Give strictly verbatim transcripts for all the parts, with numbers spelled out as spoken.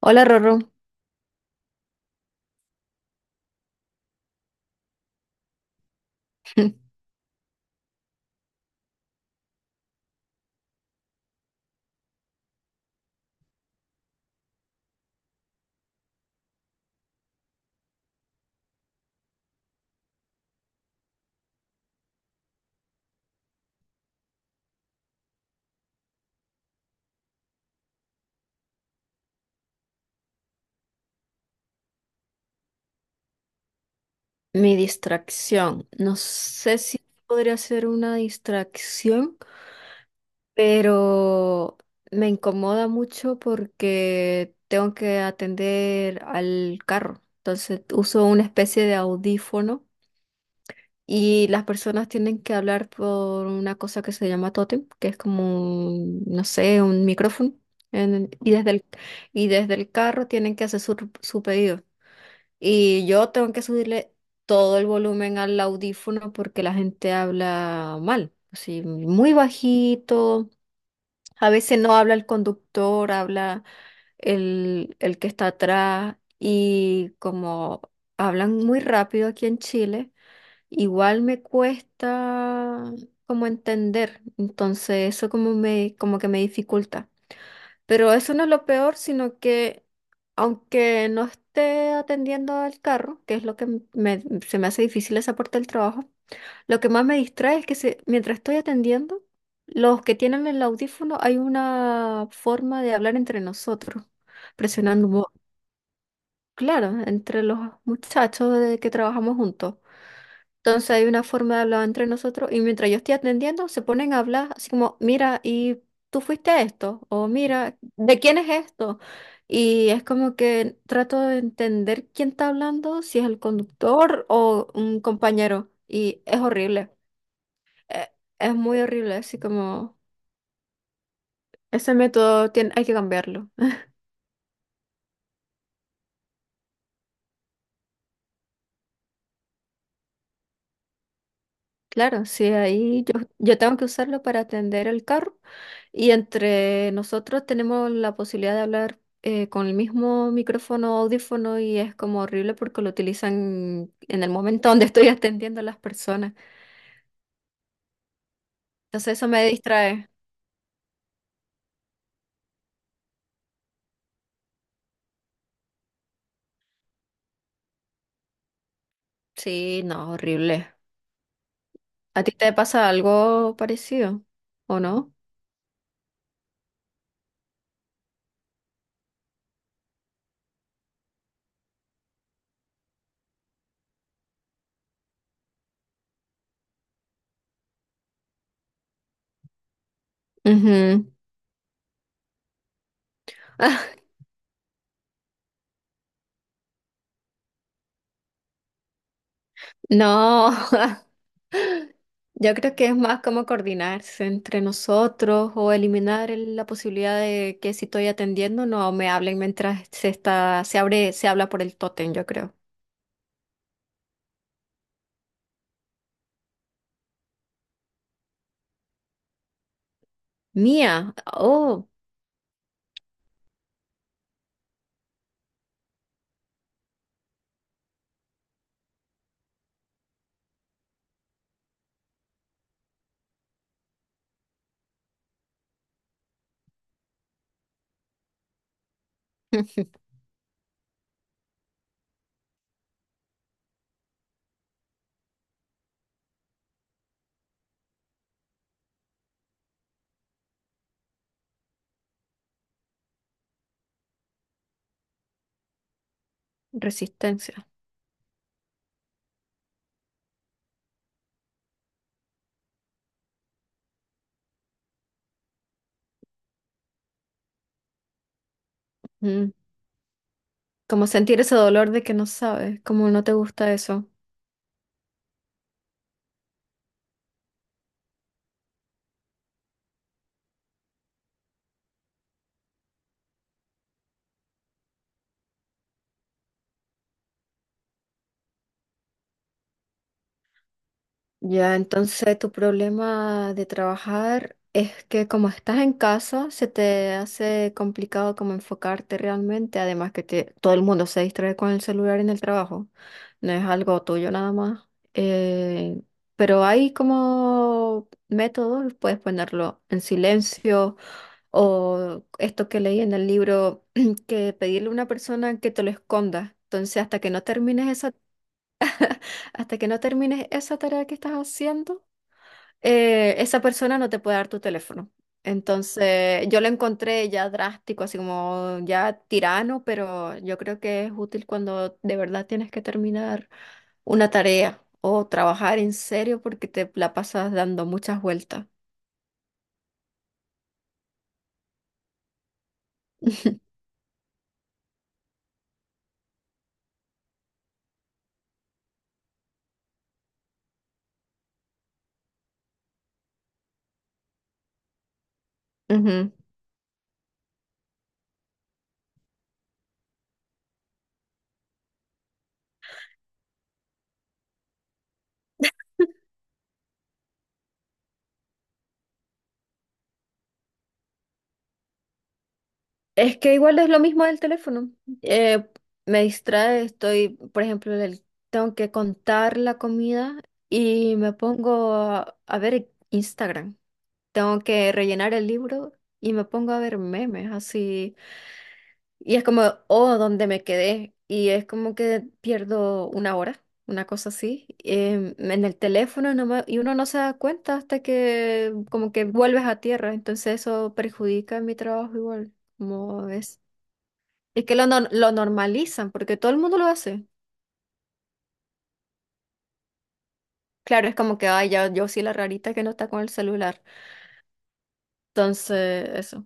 Hola, Rorro. Mi distracción. No sé si podría ser una distracción, pero me incomoda mucho porque tengo que atender al carro. Entonces uso una especie de audífono y las personas tienen que hablar por una cosa que se llama tótem, que es como, un, no sé, un micrófono. En- y desde el, y desde el carro tienen que hacer su, su pedido. Y yo tengo que subirle todo el volumen al audífono porque la gente habla mal, así muy bajito. A veces no habla el conductor, habla el, el que está atrás. Y como hablan muy rápido aquí en Chile, igual me cuesta como entender. Entonces eso como me, como que me dificulta. Pero eso no es lo peor, sino que aunque no esté atendiendo al carro, que es lo que m- me- se me hace difícil esa parte del trabajo, lo que más me distrae es que se- mientras estoy atendiendo, los que tienen el audífono hay una forma de hablar entre nosotros, presionando claro, entre los muchachos de que trabajamos juntos. Entonces hay una forma de hablar entre nosotros y mientras yo estoy atendiendo, se ponen a hablar así como, mira, ¿y tú fuiste a esto? O mira, ¿de quién es esto? Y es como que trato de entender quién está hablando, si es el conductor o un compañero. Y es horrible, e- es, muy horrible, así como ese método tiene, hay que cambiarlo. Claro, sí, ahí yo, yo tengo que usarlo para atender el carro y entre nosotros tenemos la posibilidad de hablar eh, con el mismo micrófono, audífono y es como horrible porque lo utilizan en el momento donde estoy atendiendo a las personas. Entonces eso me distrae. Sí, no, horrible. ¿A ti te pasa algo parecido o no? Ujú. No. Yo creo que es más como coordinarse entre nosotros o eliminar el- la posibilidad de que si estoy atendiendo no me hablen mientras se está, se abre, se habla por el tótem, yo creo. Mía, oh, resistencia. Mm. Como sentir ese dolor de que no sabes, como no te gusta eso. Ya, entonces tu problema de trabajar es que como estás en casa, se te hace complicado como enfocarte realmente, además que te- todo el mundo se distrae con el celular en el trabajo, no es algo tuyo nada más. Eh, pero hay como métodos, puedes ponerlo en silencio o esto que leí en el libro, que pedirle a una persona que te lo esconda. Entonces, hasta que no termines esa, hasta que no termines esa tarea que estás haciendo eh, esa persona no te puede dar tu teléfono. Entonces, yo lo encontré ya drástico, así como ya tirano, pero yo creo que es útil cuando de verdad tienes que terminar una tarea o trabajar en serio porque te la pasas dando muchas vueltas. Ujú. Es que igual es lo mismo del teléfono. Eh, Me distrae, estoy, por ejemplo, el- tengo que contar la comida y me pongo a, a ver Instagram. Tengo que rellenar el libro y me pongo a ver memes así. Y es como, oh, ¿dónde me quedé? Y es como que pierdo una hora, una cosa así, em, en el teléfono no me- y uno no se da cuenta hasta que como que vuelves a tierra. Entonces eso perjudica mi trabajo igual, como es. Es que lo, nor- lo normalizan porque todo el mundo lo hace. Claro, es como que, ay, ya, yo soy la rarita que no está con el celular. Entonces, eso.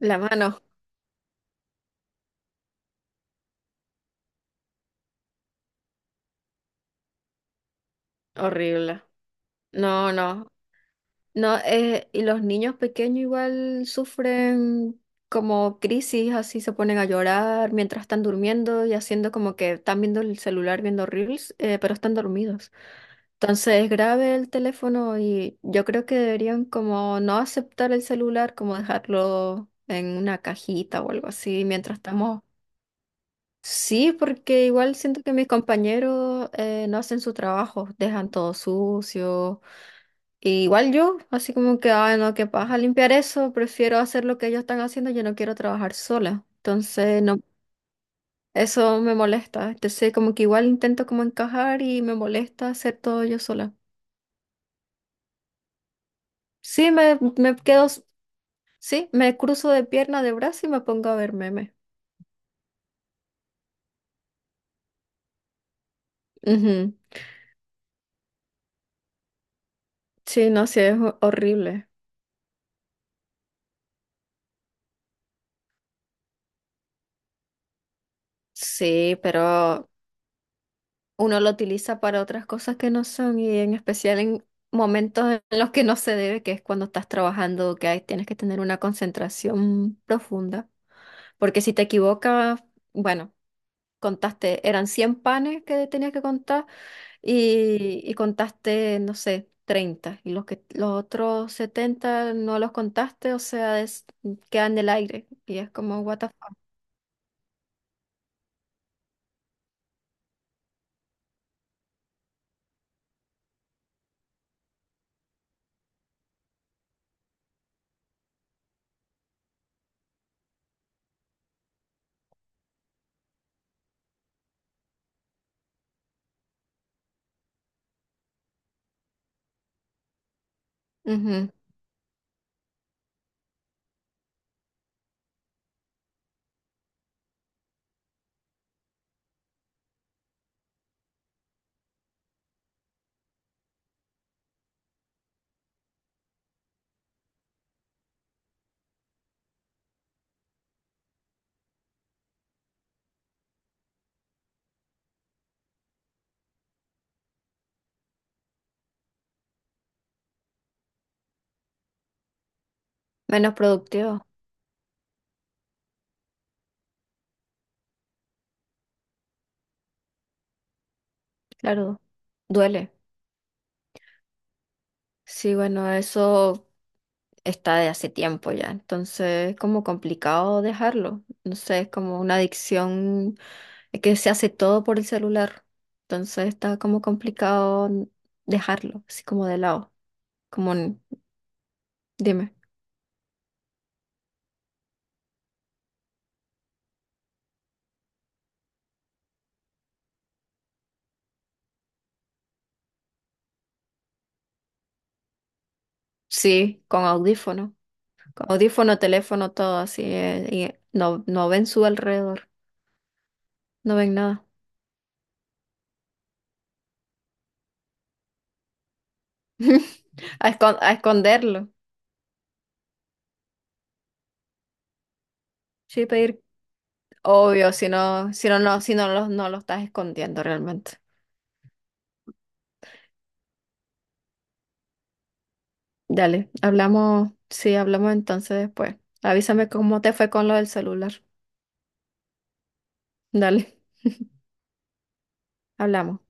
La mano, horrible. No, no. No, eh, y los niños pequeños igual sufren como crisis, así se ponen a llorar mientras están durmiendo y haciendo como que están viendo el celular, viendo reels, eh, pero están dormidos. Entonces es grave el teléfono y yo creo que deberían como no aceptar el celular, como dejarlo en una cajita o algo así mientras estamos. Sí, porque igual siento que mis compañeros eh, no hacen su trabajo, dejan todo sucio y igual yo, así como que, ay, no, qué paja limpiar eso, prefiero hacer lo que ellos están haciendo, yo no quiero trabajar sola. Entonces, no, eso me molesta. Entonces, como que igual intento como encajar y me molesta hacer todo yo sola. Sí, me, me quedo, s- sí, me cruzo de pierna, de brazo y me pongo a ver memes. Ujú. Sí, no, sí, es ho- horrible. Sí, pero uno lo utiliza para otras cosas que no son y en especial en momentos en los que no se debe, que es cuando estás trabajando, que ahí tienes que tener una concentración profunda, porque si te equivocas, bueno, contaste, eran cien panes que tenías que contar y, y contaste, no sé, treinta y los que los otros setenta no los contaste, o sea, es- quedan en el aire y es como what the fuck. Ujú. Menos productivo, claro, duele. Sí, bueno, eso está de hace tiempo ya, entonces es como complicado dejarlo. No sé, es como una adicción eh, que se hace todo por el celular, entonces está como complicado n- dejarlo, así como de lado, como un- dime, sí, con audífono, con audífono, teléfono, todo así, eh, y no, no ven su alrededor, no ven nada. A, escon- a esconderlo, sí, pedir, obvio, si no, si no, no, si no, lo- no lo estás escondiendo realmente. Dale, hablamos, sí, hablamos entonces después. Avísame cómo te fue con lo del celular. Dale, hablamos.